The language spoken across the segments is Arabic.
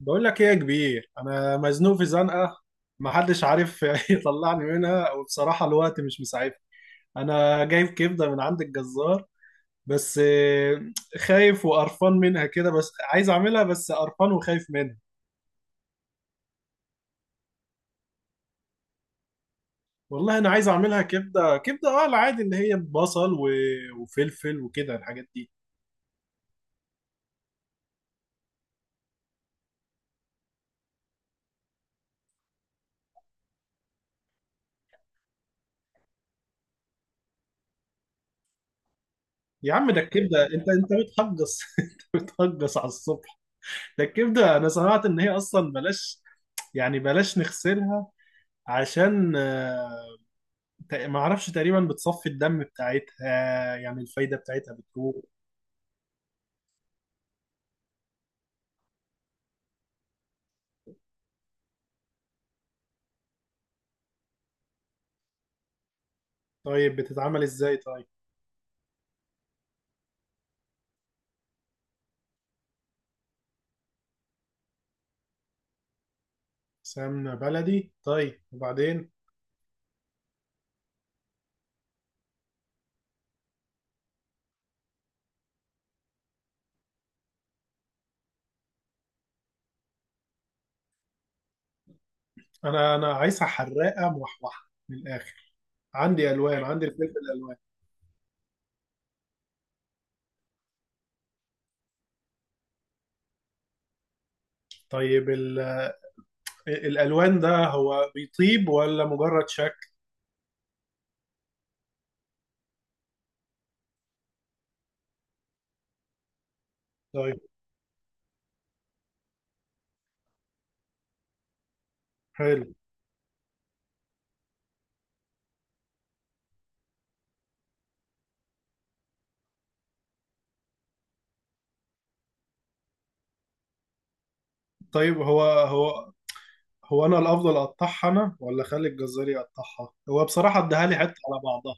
بقول لك ايه يا كبير، انا مزنوق في زنقه، محدش عارف يطلعني منها. وبصراحه الوقت مش مساعدني. انا جايب كبده من عند الجزار، بس خايف وقرفان منها كده، بس عايز اعملها، بس قرفان وخايف منها. والله انا عايز اعملها كبده، كبده العادي اللي هي بصل وفلفل وكده الحاجات دي. يا عم ده الكبده، انت بتهجص. انت بتهجص على الصبح. ده الكبده انا سمعت ان هي اصلا بلاش، يعني بلاش نغسلها، عشان ما اعرفش، تقريبا بتصفي الدم بتاعتها، يعني الفايدة بتاعتها بتروح. طيب بتتعمل ازاي طيب؟ سمنة بلدي، طيب وبعدين؟ انا عايزها حراقة موحوحة من الاخر، عندي الوان، عندي الفلفل الالوان. طيب ال… الالوان ده هو بيطيب ولا مجرد شكل؟ طيب. حلو. طيب هو هو انا الافضل اقطعها انا، ولا اخلي الجزار يقطعها هو؟ بصراحة اديها لي حتة على بعضها.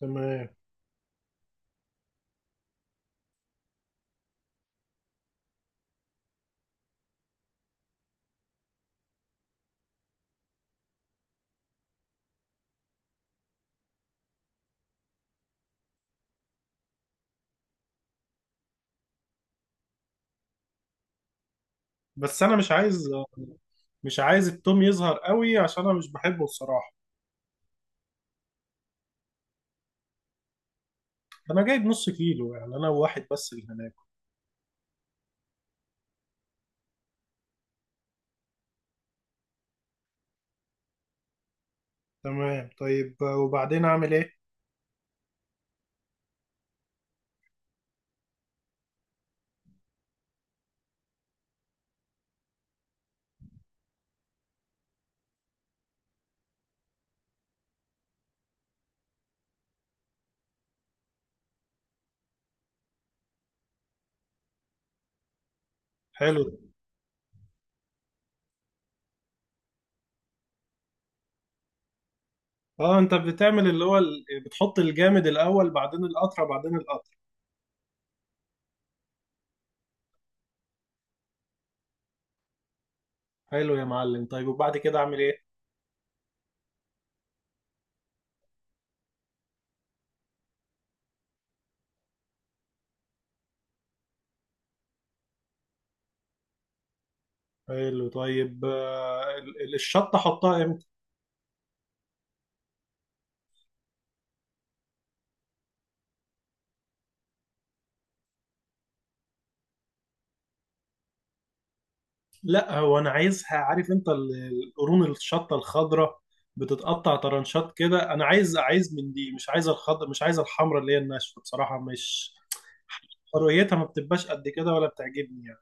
تمام. بس انا مش عايز، مش عايز التوم يظهر قوي، عشان انا مش بحبه الصراحه. انا جايب نص كيلو، يعني انا وواحد بس اللي هناكل. تمام، طيب وبعدين اعمل ايه؟ حلو. اه انت بتعمل اللي هو بتحط الجامد الاول، بعدين القطره، بعدين القطره. حلو يا معلم، طيب وبعد كده اعمل ايه؟ حلو، طيب الشطه احطها امتى؟ لا، هو انا عايزها، عارف انت القرون الشطه الخضراء، بتتقطع طرنشات كده، انا عايز من دي، مش عايز الخضر، مش عايز الحمراء اللي هي الناشفه، بصراحه مش رؤيتها ما بتبقاش قد كده ولا بتعجبني يعني.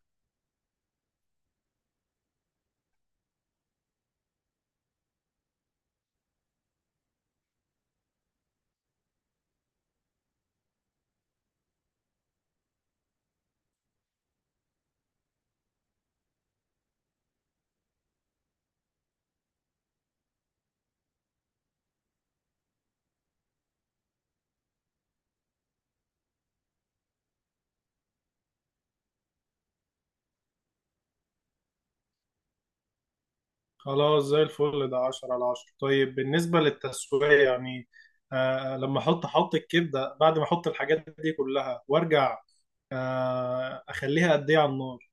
خلاص زي الفل، ده 10 على 10. طيب بالنسبه للتسويه يعني، آه لما احط، احط الكبده بعد ما احط الحاجات دي كلها وارجع، آه اخليها قد ايه على النار؟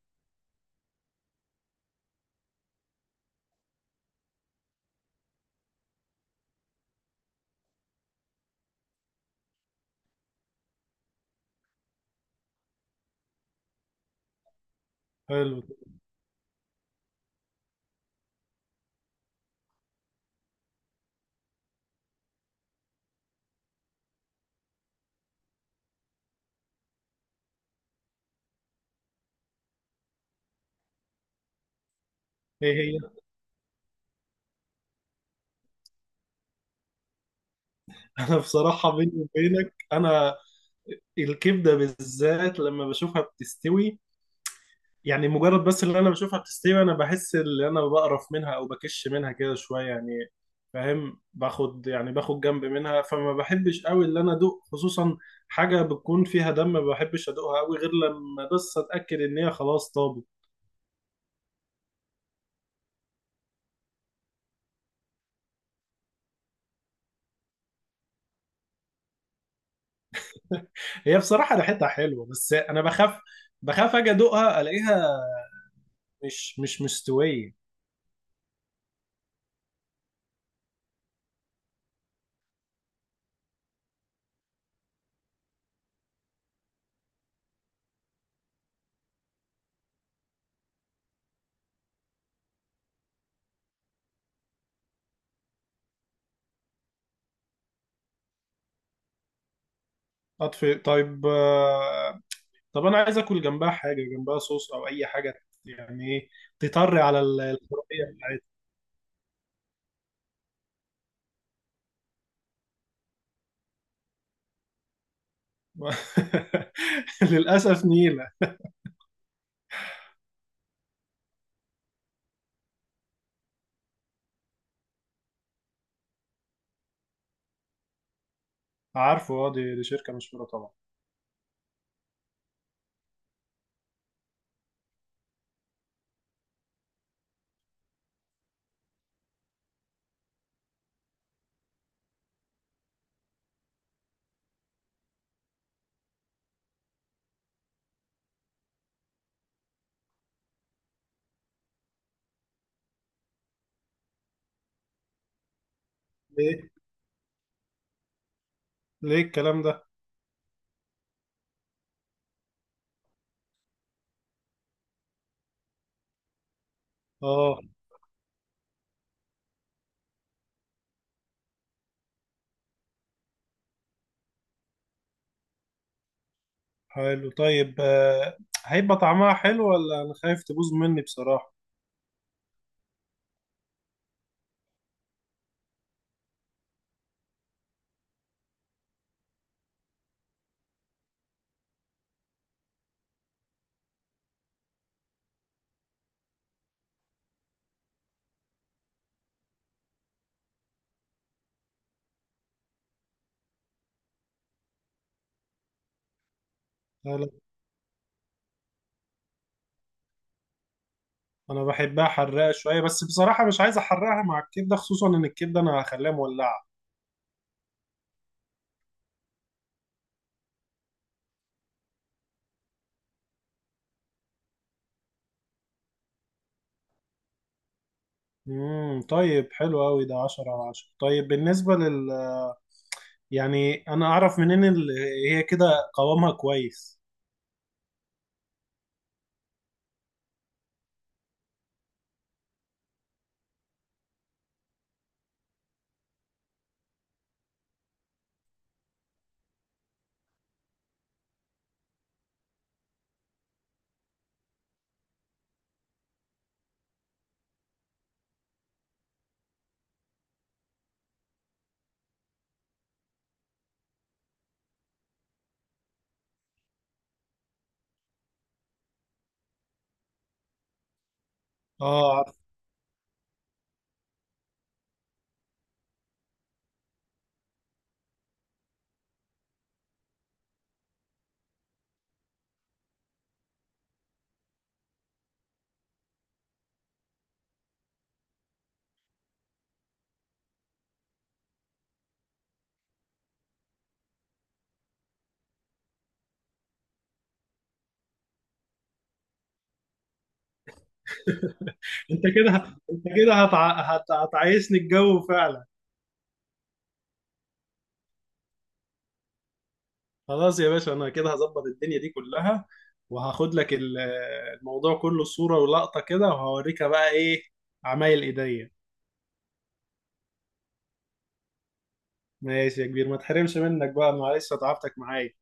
حلو. ايه هي؟ انا بصراحه بيني وبينك، انا الكبده بالذات لما بشوفها بتستوي، يعني مجرد بس اللي انا بشوفها بتستوي، انا بحس ان انا بقرف منها او بكش منها كده شويه يعني، فاهم؟ باخد يعني باخد جنب منها، فما بحبش قوي اللي انا ادوق، خصوصا حاجه بتكون فيها دم ما بحبش ادوقها قوي غير لما بس اتاكد ان هي خلاص طابت. هي بصراحه ريحتها حلوه، بس انا بخاف، بخاف اجي ادوقها الاقيها مش مستويه. اطفي؟ طيب طب انا عايز اكل جنبها حاجه، جنبها صوص او اي حاجه يعني، ايه تطري على الحريه بتاعتها؟ للاسف نيله. عارفه، اه، دي، دي شركه مشهوره طبعا. ليه؟ ليه الكلام ده؟ اه حلو، طيب هيبقى طعمها حلو ولا انا خايف تبوظ مني بصراحه؟ لا، انا بحبها حراقه شويه، بس بصراحه مش عايز احرقها مع الكبده، خصوصا ان الكبده انا هخليها مولعه. امم، طيب حلو قوي، ده 10 على 10. طيب بالنسبه لل… يعني انا اعرف منين هي كده قوامها كويس؟ اه عارف. انت كده انت كده هتعيشني الجو فعلا. خلاص يا باشا، انا كده هظبط الدنيا دي كلها، وهاخد لك الموضوع كله صورة ولقطة كده، وهوريك بقى ايه عمايل ايديا. ماشي يا كبير، ما تحرمش منك بقى، معلش تعبتك معايا.